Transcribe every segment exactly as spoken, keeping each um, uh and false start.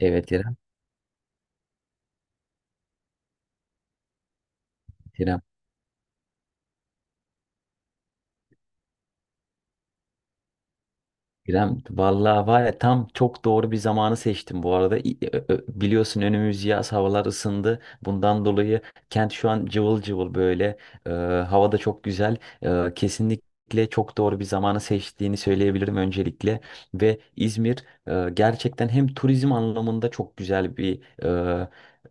Evet İrem, İrem, İrem. Vallahi var ya tam çok doğru bir zamanı seçtim bu arada. İ- ö- ö- Biliyorsun önümüz yaz, havalar ısındı. Bundan dolayı kent şu an cıvıl cıvıl böyle. Ee, Hava da çok güzel. Ee, kesinlikle çok doğru bir zamanı seçtiğini söyleyebilirim öncelikle. Ve İzmir e, gerçekten hem turizm anlamında çok güzel bir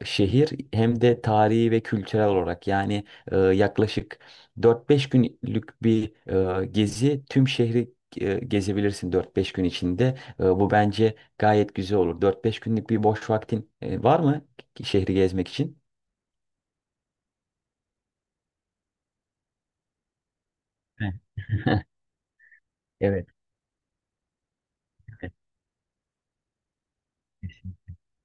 e, şehir hem de tarihi ve kültürel olarak yani e, yaklaşık dört beş günlük bir e, gezi tüm şehri e, gezebilirsin dört beş gün içinde. E, Bu bence gayet güzel olur. Dört beş günlük bir boş vaktin e, var mı ki- şehri gezmek için? Heh. Evet. Evet.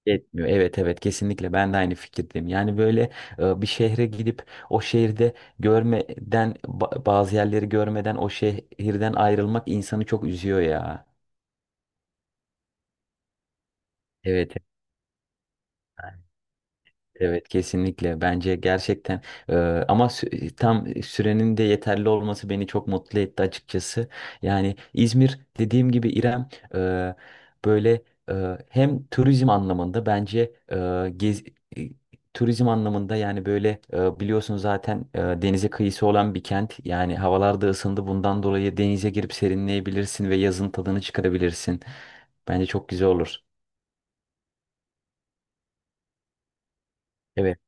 Yetmiyor. Evet evet kesinlikle ben de aynı fikirdeyim. Yani böyle e, bir şehre gidip o şehirde görmeden ba- bazı yerleri görmeden o şehirden ayrılmak insanı çok üzüyor ya. Evet. Evet kesinlikle bence gerçekten, e, ama sü- tam sürenin de yeterli olması beni çok mutlu etti açıkçası. Yani İzmir dediğim gibi İrem, e, böyle, e, hem turizm anlamında bence e, gez, e, turizm anlamında yani böyle e, biliyorsun zaten e, denize kıyısı olan bir kent. Yani havalar da ısındı bundan dolayı denize girip serinleyebilirsin ve yazın tadını çıkarabilirsin. Bence çok güzel olur. Evet.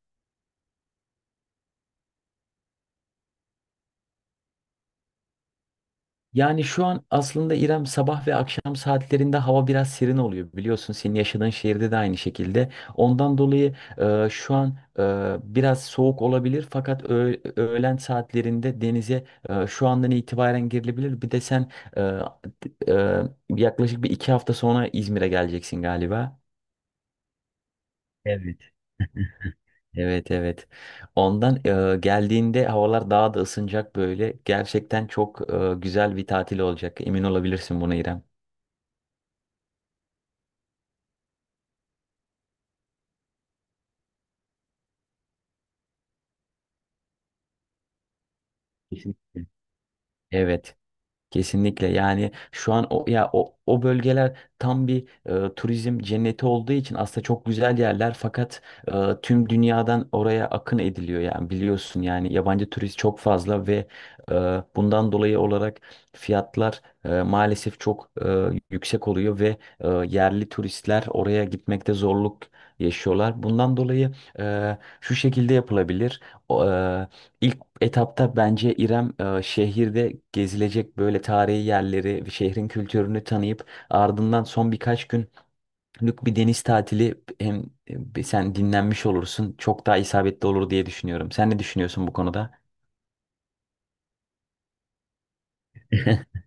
Yani şu an aslında İrem sabah ve akşam saatlerinde hava biraz serin oluyor biliyorsun. Senin yaşadığın şehirde de aynı şekilde. Ondan dolayı e, şu an e, biraz soğuk olabilir fakat öğ- öğlen saatlerinde denize e, şu andan itibaren girilebilir. Bir de sen e, e, yaklaşık bir iki hafta sonra İzmir'e geleceksin galiba. Evet. Evet evet. Ondan e, geldiğinde havalar daha da ısınacak böyle. Gerçekten çok e, güzel bir tatil olacak. Emin olabilirsin buna İrem. Kesinlikle. Evet, kesinlikle. Yani şu an o ya o, o bölgeler tam bir e, turizm cenneti olduğu için aslında çok güzel yerler fakat e, tüm dünyadan oraya akın ediliyor yani biliyorsun, yani yabancı turist çok fazla ve e, bundan dolayı olarak fiyatlar e, maalesef çok e, yüksek oluyor ve e, yerli turistler oraya gitmekte zorluk yaşıyorlar. Bundan dolayı e, şu şekilde yapılabilir. O, e, ilk etapta bence İrem e, şehirde gezilecek böyle tarihi yerleri ve şehrin kültürünü tanıyıp ardından son birkaç günlük bir deniz tatili, hem e, sen dinlenmiş olursun, çok daha isabetli olur diye düşünüyorum. Sen ne düşünüyorsun bu konuda?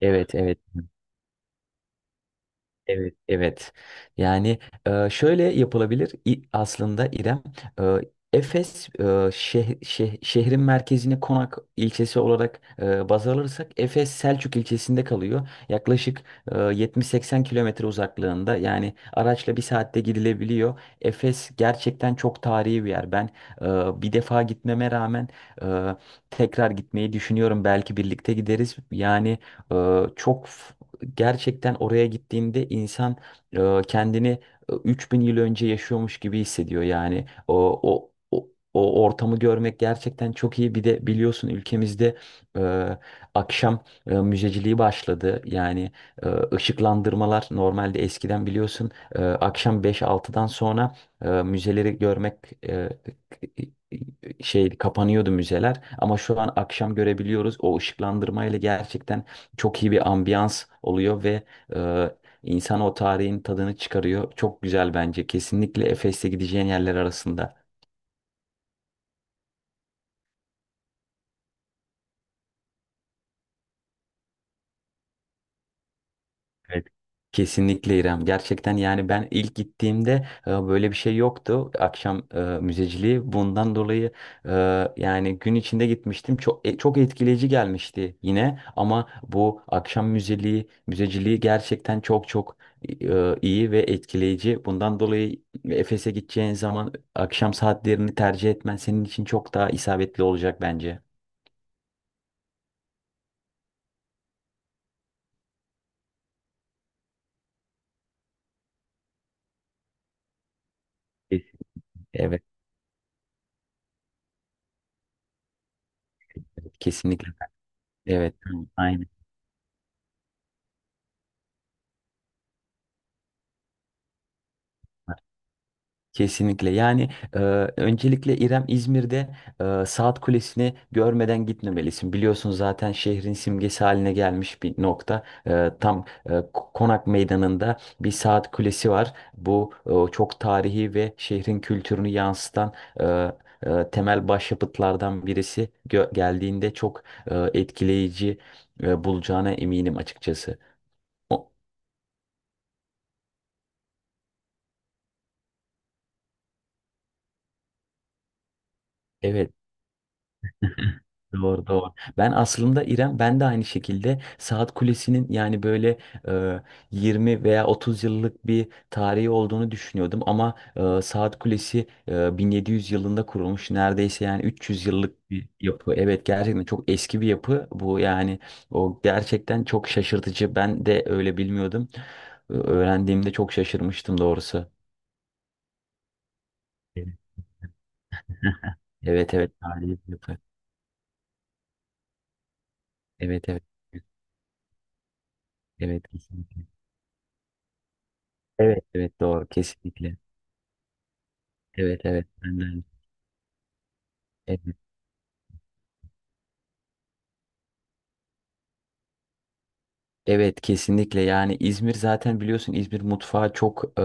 Evet evet. Evet, evet. Yani e, şöyle yapılabilir İ- aslında İrem. e, Efes, e, şeh- şeh- şehrin merkezini Konak ilçesi olarak e, baz alırsak Efes Selçuk ilçesinde kalıyor. Yaklaşık e, yetmiş seksen kilometre uzaklığında, yani araçla bir saatte gidilebiliyor. Efes gerçekten çok tarihi bir yer. Ben e, bir defa gitmeme rağmen e, tekrar gitmeyi düşünüyorum. Belki birlikte gideriz. Yani, e, çok gerçekten oraya gittiğinde insan e, kendini e, üç bin yıl önce yaşıyormuş gibi hissediyor yani. O, o o o ortamı görmek gerçekten çok iyi. Bir de biliyorsun ülkemizde e, akşam e, müzeciliği başladı. Yani e, ışıklandırmalar, normalde eskiden biliyorsun e, akşam beş altıdan sonra e, müzeleri görmek e, şey kapanıyordu müzeler, ama şu an akşam görebiliyoruz. O ışıklandırmayla gerçekten çok iyi bir ambiyans oluyor ve e, insan o tarihin tadını çıkarıyor. Çok güzel bence. Kesinlikle Efes'te gideceğin yerler arasında. Evet. Kesinlikle İrem. Gerçekten, yani ben ilk gittiğimde e, böyle bir şey yoktu. Akşam e, müzeciliği. Bundan dolayı e, yani gün içinde gitmiştim. Çok e, çok etkileyici gelmişti yine. Ama bu akşam müzeliği, müzeciliği gerçekten çok çok e, iyi ve etkileyici. Bundan dolayı Efes'e gideceğin zaman akşam saatlerini tercih etmen senin için çok daha isabetli olacak bence. Kesin. Evet, kesinlikle. Evet, aynen. Kesinlikle. Yani e, öncelikle İrem, İzmir'de e, Saat Kulesi'ni görmeden gitmemelisin. Biliyorsun zaten şehrin simgesi haline gelmiş bir nokta. E, tam e, Ko- Konak Meydanı'nda bir Saat Kulesi var. Bu e, çok tarihi ve şehrin kültürünü yansıtan e, e, temel başyapıtlardan birisi. Gö- geldiğinde çok e, etkileyici e, bulacağına eminim açıkçası. O- Evet. Doğru doğru. Ben aslında İrem, ben de aynı şekilde Saat Kulesi'nin yani böyle e, yirmi veya otuz yıllık bir tarihi olduğunu düşünüyordum, ama e, Saat Kulesi e, bin yedi yüz yılında kurulmuş neredeyse, yani üç yüz yıllık bir yapı. Evet gerçekten çok eski bir yapı bu, yani o gerçekten çok şaşırtıcı. Ben de öyle bilmiyordum. Ö- Öğrendiğimde çok şaşırmıştım doğrusu. Evet evet evet, tarihi bir yapı. Evet evet. Evet kesinlikle. Evet evet doğru kesinlikle. Evet evet ben de aynı- evet, evet kesinlikle, yani İzmir zaten biliyorsun, İzmir mutfağı çok e,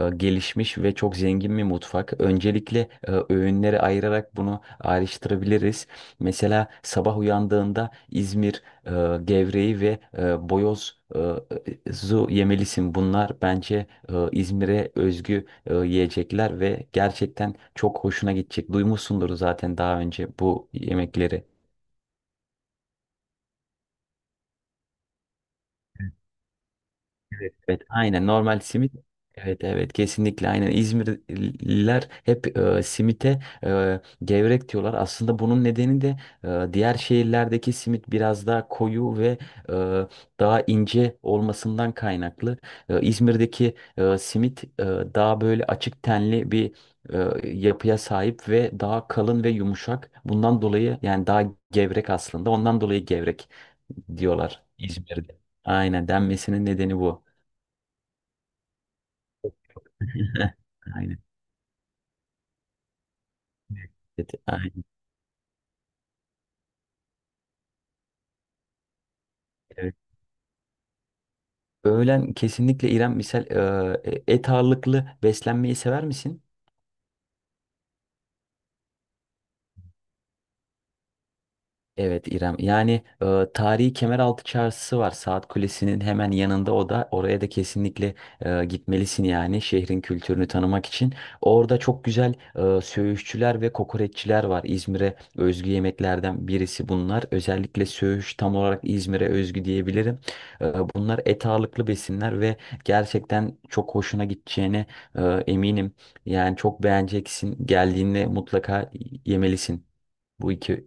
e, gelişmiş ve çok zengin bir mutfak. Öncelikle e, öğünleri ayırarak bunu ayrıştırabiliriz. Mesela sabah uyandığında İzmir e, gevreği ve e, boyoz e, e, zu yemelisin. Bunlar bence e, İzmir'e özgü e, yiyecekler ve gerçekten çok hoşuna gidecek. Duymuşsundur zaten daha önce bu yemekleri. Evet, evet, aynen, normal simit. Evet evet kesinlikle, aynen İzmirliler hep e, simite e, gevrek diyorlar. Aslında bunun nedeni de e, diğer şehirlerdeki simit biraz daha koyu ve e, daha ince olmasından kaynaklı. E, İzmir'deki e, simit e, daha böyle açık tenli bir e, yapıya sahip ve daha kalın ve yumuşak. Bundan dolayı yani daha gevrek aslında. Ondan dolayı gevrek diyorlar İzmir'de. Aynen denmesinin nedeni bu. Aynen. Evet, aynen. Evet. Öğlen kesinlikle İrem, misal e, et ağırlıklı beslenmeyi sever misin? Evet İrem. Yani e, tarihi Kemeraltı Çarşısı var. Saat Kulesi'nin hemen yanında o da. Oraya da kesinlikle e, gitmelisin, yani şehrin kültürünü tanımak için. Orada çok güzel e, söğüşçüler ve kokoreççiler var. İzmir'e özgü yemeklerden birisi bunlar. Özellikle söğüş tam olarak İzmir'e özgü diyebilirim. E, bunlar et ağırlıklı besinler ve gerçekten çok hoşuna gideceğine e, eminim. Yani çok beğeneceksin. Geldiğinde mutlaka yemelisin bu iki.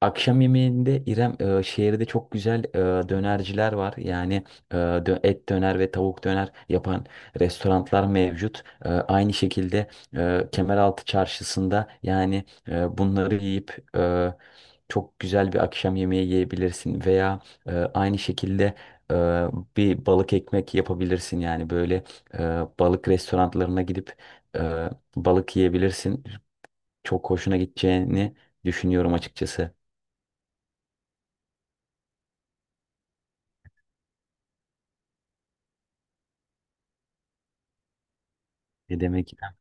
Akşam yemeğinde İrem, e, şehirde çok güzel e, dönerciler var. Yani e, dö- et döner ve tavuk döner yapan restoranlar mevcut. E, aynı şekilde e, Kemeraltı Çarşısı'nda yani e, bunları yiyip e, çok güzel bir akşam yemeği yiyebilirsin veya e, aynı şekilde e, bir balık ekmek yapabilirsin. Yani böyle e, balık restoranlarına gidip e, balık yiyebilirsin. Çok hoşuna gideceğini düşünüyorum açıkçası. Ne demek İrem?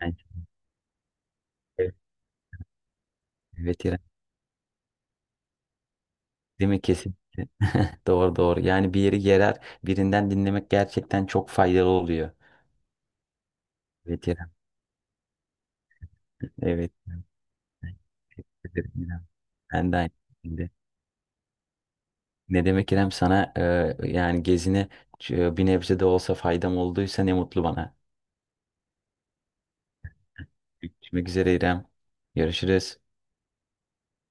Yani, evet evet, İrem. Değil mi? Kesinlikle. Doğru doğru. Yani bir yeri gerer birinden dinlemek gerçekten çok faydalı oluyor. Evet İrem. Evet. Teşekkür ederim İrem. Ben de aynı şekilde. Ne demek İrem, sana e, yani gezine e, bir nebze de olsa faydam olduysa ne mutlu bana. Görüşmek üzere İrem. Görüşürüz.